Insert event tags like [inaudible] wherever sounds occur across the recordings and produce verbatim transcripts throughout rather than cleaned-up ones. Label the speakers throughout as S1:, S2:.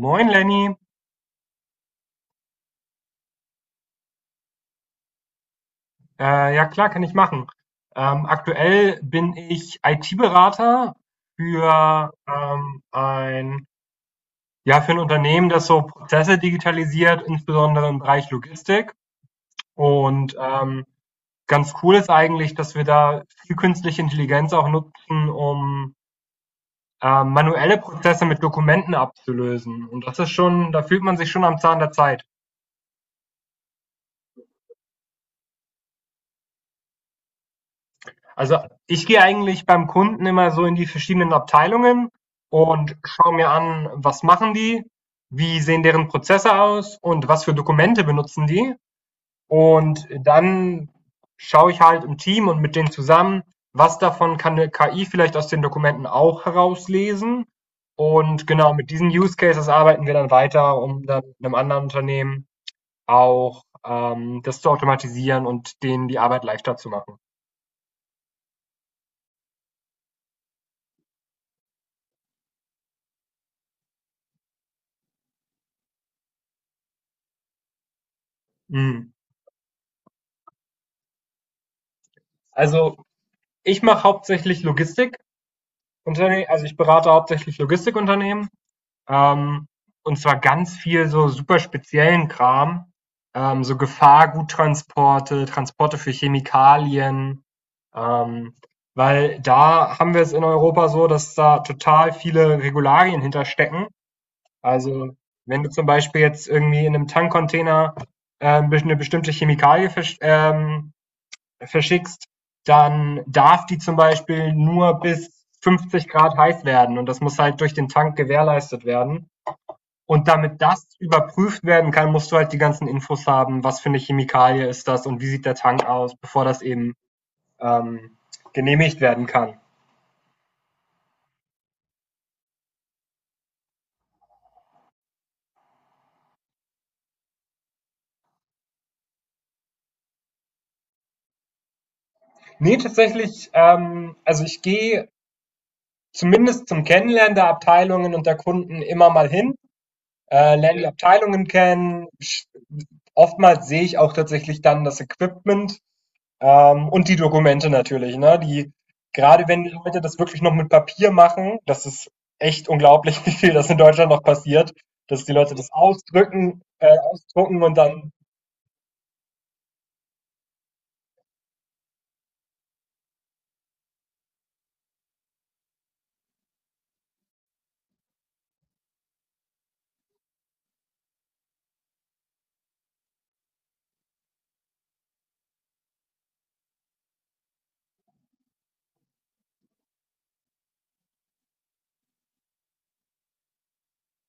S1: Moin Lenny, äh, ja klar, kann ich machen. Ähm, aktuell bin ich I T-Berater für ähm, ein ja für ein Unternehmen, das so Prozesse digitalisiert, insbesondere im Bereich Logistik. Und ähm, ganz cool ist eigentlich, dass wir da viel künstliche Intelligenz auch nutzen, um ähm, manuelle Prozesse mit Dokumenten abzulösen. Und das ist schon, da fühlt man sich schon am Zahn der Zeit. Also, ich gehe eigentlich beim Kunden immer so in die verschiedenen Abteilungen und schaue mir an, was machen die, wie sehen deren Prozesse aus und was für Dokumente benutzen die. Und dann schaue ich halt im Team und mit denen zusammen, was davon kann eine K I vielleicht aus den Dokumenten auch herauslesen. Und genau mit diesen Use Cases arbeiten wir dann weiter, um dann einem anderen Unternehmen auch ähm, das zu automatisieren und denen die Arbeit leichter zu machen. Mhm. Also ich mache hauptsächlich Logistikunternehmen, also ich berate hauptsächlich Logistikunternehmen, ähm, und zwar ganz viel so super speziellen Kram, ähm, so Gefahrguttransporte, Transporte für Chemikalien, ähm, weil da haben wir es in Europa so, dass da total viele Regularien hinterstecken. Also wenn du zum Beispiel jetzt irgendwie in einem Tankcontainer äh, eine bestimmte Chemikalie versch- ähm, verschickst, dann darf die zum Beispiel nur bis fünfzig Grad heiß werden und das muss halt durch den Tank gewährleistet werden. Und damit das überprüft werden kann, musst du halt die ganzen Infos haben, was für eine Chemikalie ist das und wie sieht der Tank aus, bevor das eben ähm, genehmigt werden kann. Nee, tatsächlich, ähm, also ich gehe zumindest zum Kennenlernen der Abteilungen und der Kunden immer mal hin, äh, lerne die Abteilungen kennen. Oftmals sehe ich auch tatsächlich dann das Equipment, Ähm, und die Dokumente natürlich, ne? Die, gerade wenn die Leute das wirklich noch mit Papier machen, das ist echt unglaublich, [laughs] wie viel das in Deutschland noch passiert, dass die Leute das ausdrücken, äh, ausdrucken und dann,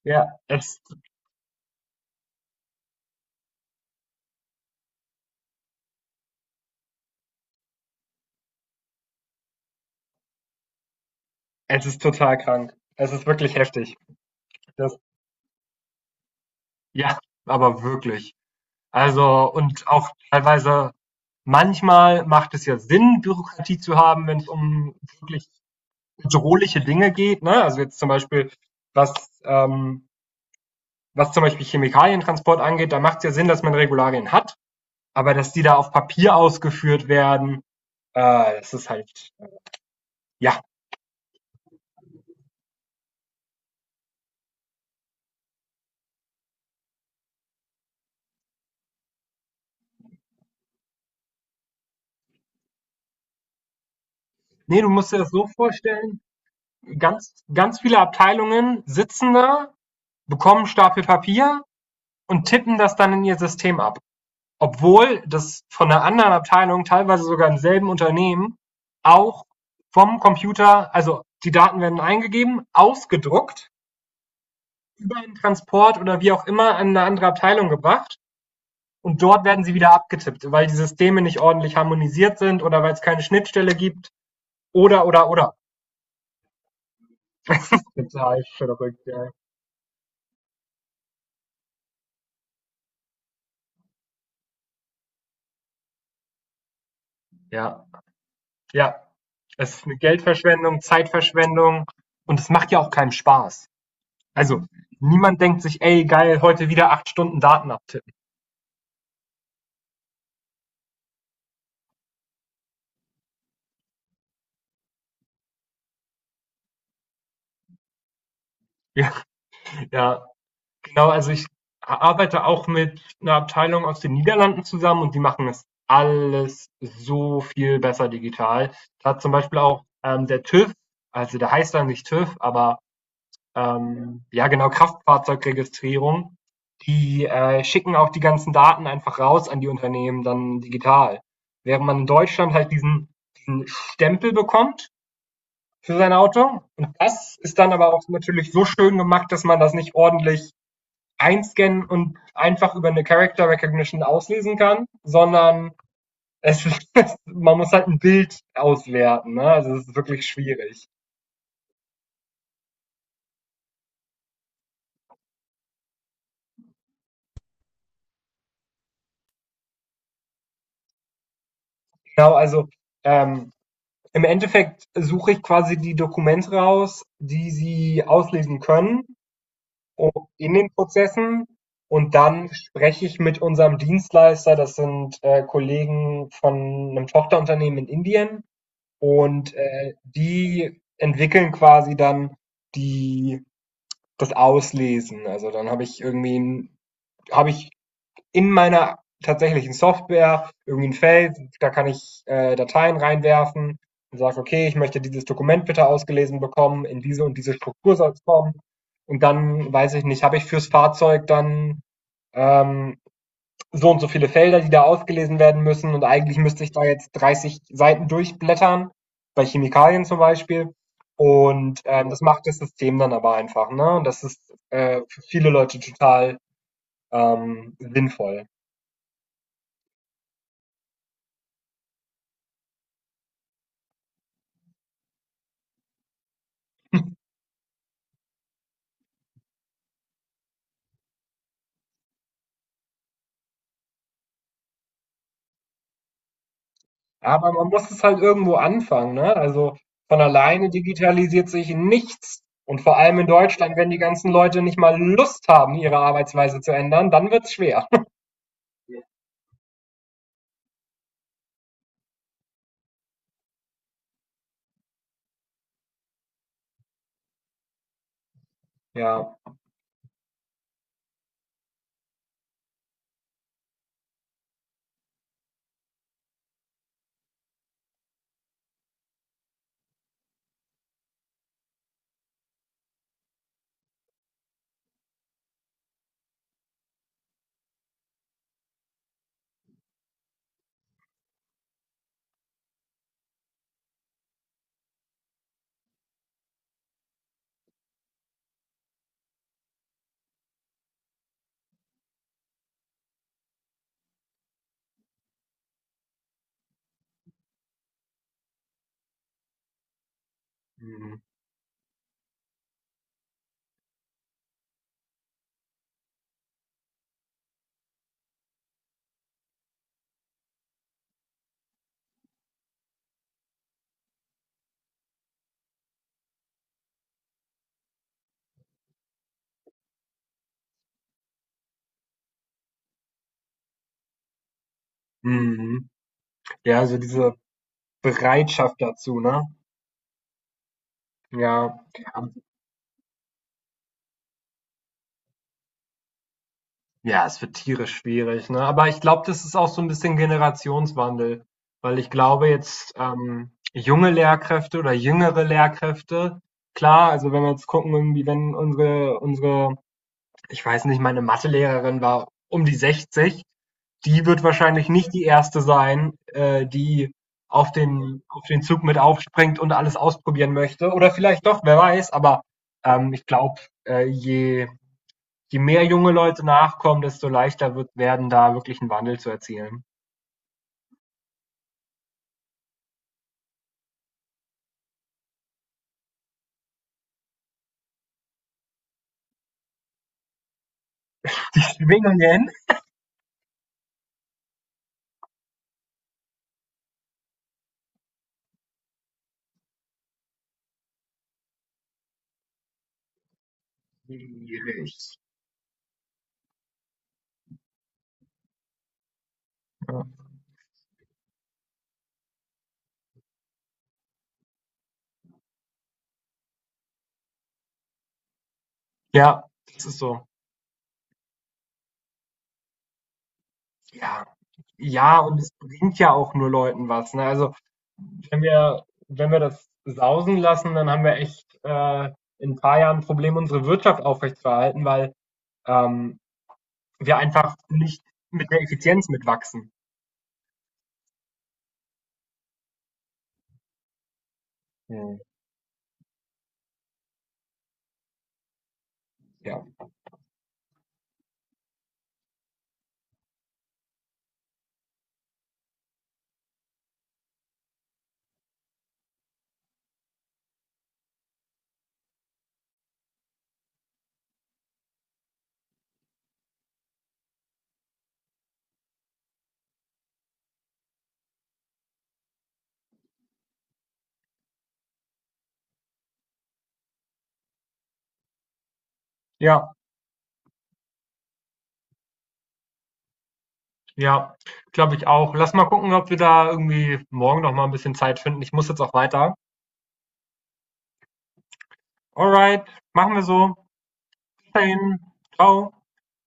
S1: ja, es, es ist total krank. Es ist wirklich heftig. Das, ja, aber wirklich. Also, und auch teilweise, manchmal macht es ja Sinn, Bürokratie zu haben, wenn es um wirklich bedrohliche Dinge geht, ne? Also jetzt zum Beispiel, was, ähm, was zum Beispiel Chemikalientransport angeht, da macht es ja Sinn, dass man Regularien hat, aber dass die da auf Papier ausgeführt werden, äh, das ist halt, ja. Nee, du musst dir das so vorstellen, ganz, ganz viele Abteilungen sitzen da, bekommen Stapel Papier und tippen das dann in ihr System ab. Obwohl das von einer anderen Abteilung, teilweise sogar im selben Unternehmen, auch vom Computer, also die Daten werden eingegeben, ausgedruckt, über einen Transport oder wie auch immer an eine andere Abteilung gebracht. Und dort werden sie wieder abgetippt, weil die Systeme nicht ordentlich harmonisiert sind oder weil es keine Schnittstelle gibt oder oder oder. Total verrückt, ja. Ja, ja. Es ist eine Geldverschwendung, Zeitverschwendung und es macht ja auch keinen Spaß. Also niemand denkt sich, ey geil, heute wieder acht Stunden Daten abtippen. [laughs] Ja, ja. Genau, also ich arbeite auch mit einer Abteilung aus den Niederlanden zusammen und die machen das alles so viel besser digital. Da hat zum Beispiel auch, ähm, der TÜV, also der heißt dann nicht TÜV, aber, ähm, ja genau, Kraftfahrzeugregistrierung, die äh, schicken auch die ganzen Daten einfach raus an die Unternehmen dann digital. Während man in Deutschland halt diesen diesen Stempel bekommt für sein Auto und das ist dann aber auch natürlich so schön gemacht, dass man das nicht ordentlich einscannen und einfach über eine Character Recognition auslesen kann, sondern es [laughs] man muss halt ein Bild auswerten. Ne? Also es ist wirklich schwierig. Genau, also ähm, im Endeffekt suche ich quasi die Dokumente raus, die sie auslesen können in den Prozessen. Und dann spreche ich mit unserem Dienstleister, das sind äh, Kollegen von einem Tochterunternehmen in Indien. Und äh, die entwickeln quasi dann die das Auslesen. Also dann habe ich irgendwie 'n habe ich in meiner tatsächlichen Software irgendwie ein Feld, da kann ich, äh, Dateien reinwerfen und sage: „Okay, ich möchte dieses Dokument bitte ausgelesen bekommen, in diese und diese Struktur soll's kommen.“ Und dann, weiß ich nicht, habe ich fürs Fahrzeug dann, ähm, so und so viele Felder, die da ausgelesen werden müssen und eigentlich müsste ich da jetzt dreißig Seiten durchblättern, bei Chemikalien zum Beispiel. Und ähm, das macht das System dann aber einfach. Ne? Und das ist äh, für viele Leute total ähm, sinnvoll. Aber man muss es halt irgendwo anfangen. Ne? Also von alleine digitalisiert sich nichts. Und vor allem in Deutschland, wenn die ganzen Leute nicht mal Lust haben, ihre Arbeitsweise zu ändern, dann wird's schwer. [laughs] Ja. Mhm. Mhm. Ja, also diese Bereitschaft dazu, ne? Ja. Ja, es wird tierisch schwierig, ne? Aber ich glaube, das ist auch so ein bisschen Generationswandel, weil ich glaube jetzt, ähm, junge Lehrkräfte oder jüngere Lehrkräfte klar, also, wenn wir jetzt gucken, irgendwie, wenn unsere unsere ich weiß nicht, meine Mathelehrerin war um die sechzig, die wird wahrscheinlich nicht die Erste sein, äh, die auf den auf den Zug mit aufspringt und alles ausprobieren möchte. Oder vielleicht doch, wer weiß, aber, ähm, ich glaube, äh, je Je mehr junge Leute nachkommen, desto leichter wird werden, da wirklich 'n Wandel zu erzielen. Schwingungen? Schwierig. Ja. Ja, das ist so. Ja. Ja, und es bringt ja auch nur Leuten was, ne? Also, wenn wir wenn wir das sausen lassen, dann haben wir echt, äh, in ein paar Jahren 'n Problem, unsere Wirtschaft aufrechtzuerhalten, weil, ähm, wir einfach nicht mit der Effizienz mitwachsen. Mhm. Ja. Ja. Ja, glaube ich auch. Lass mal gucken, ob wir da irgendwie morgen noch mal ein bisschen Zeit finden. Ich muss jetzt auch weiter. Alright, machen wir so. Bis dahin. Tschau.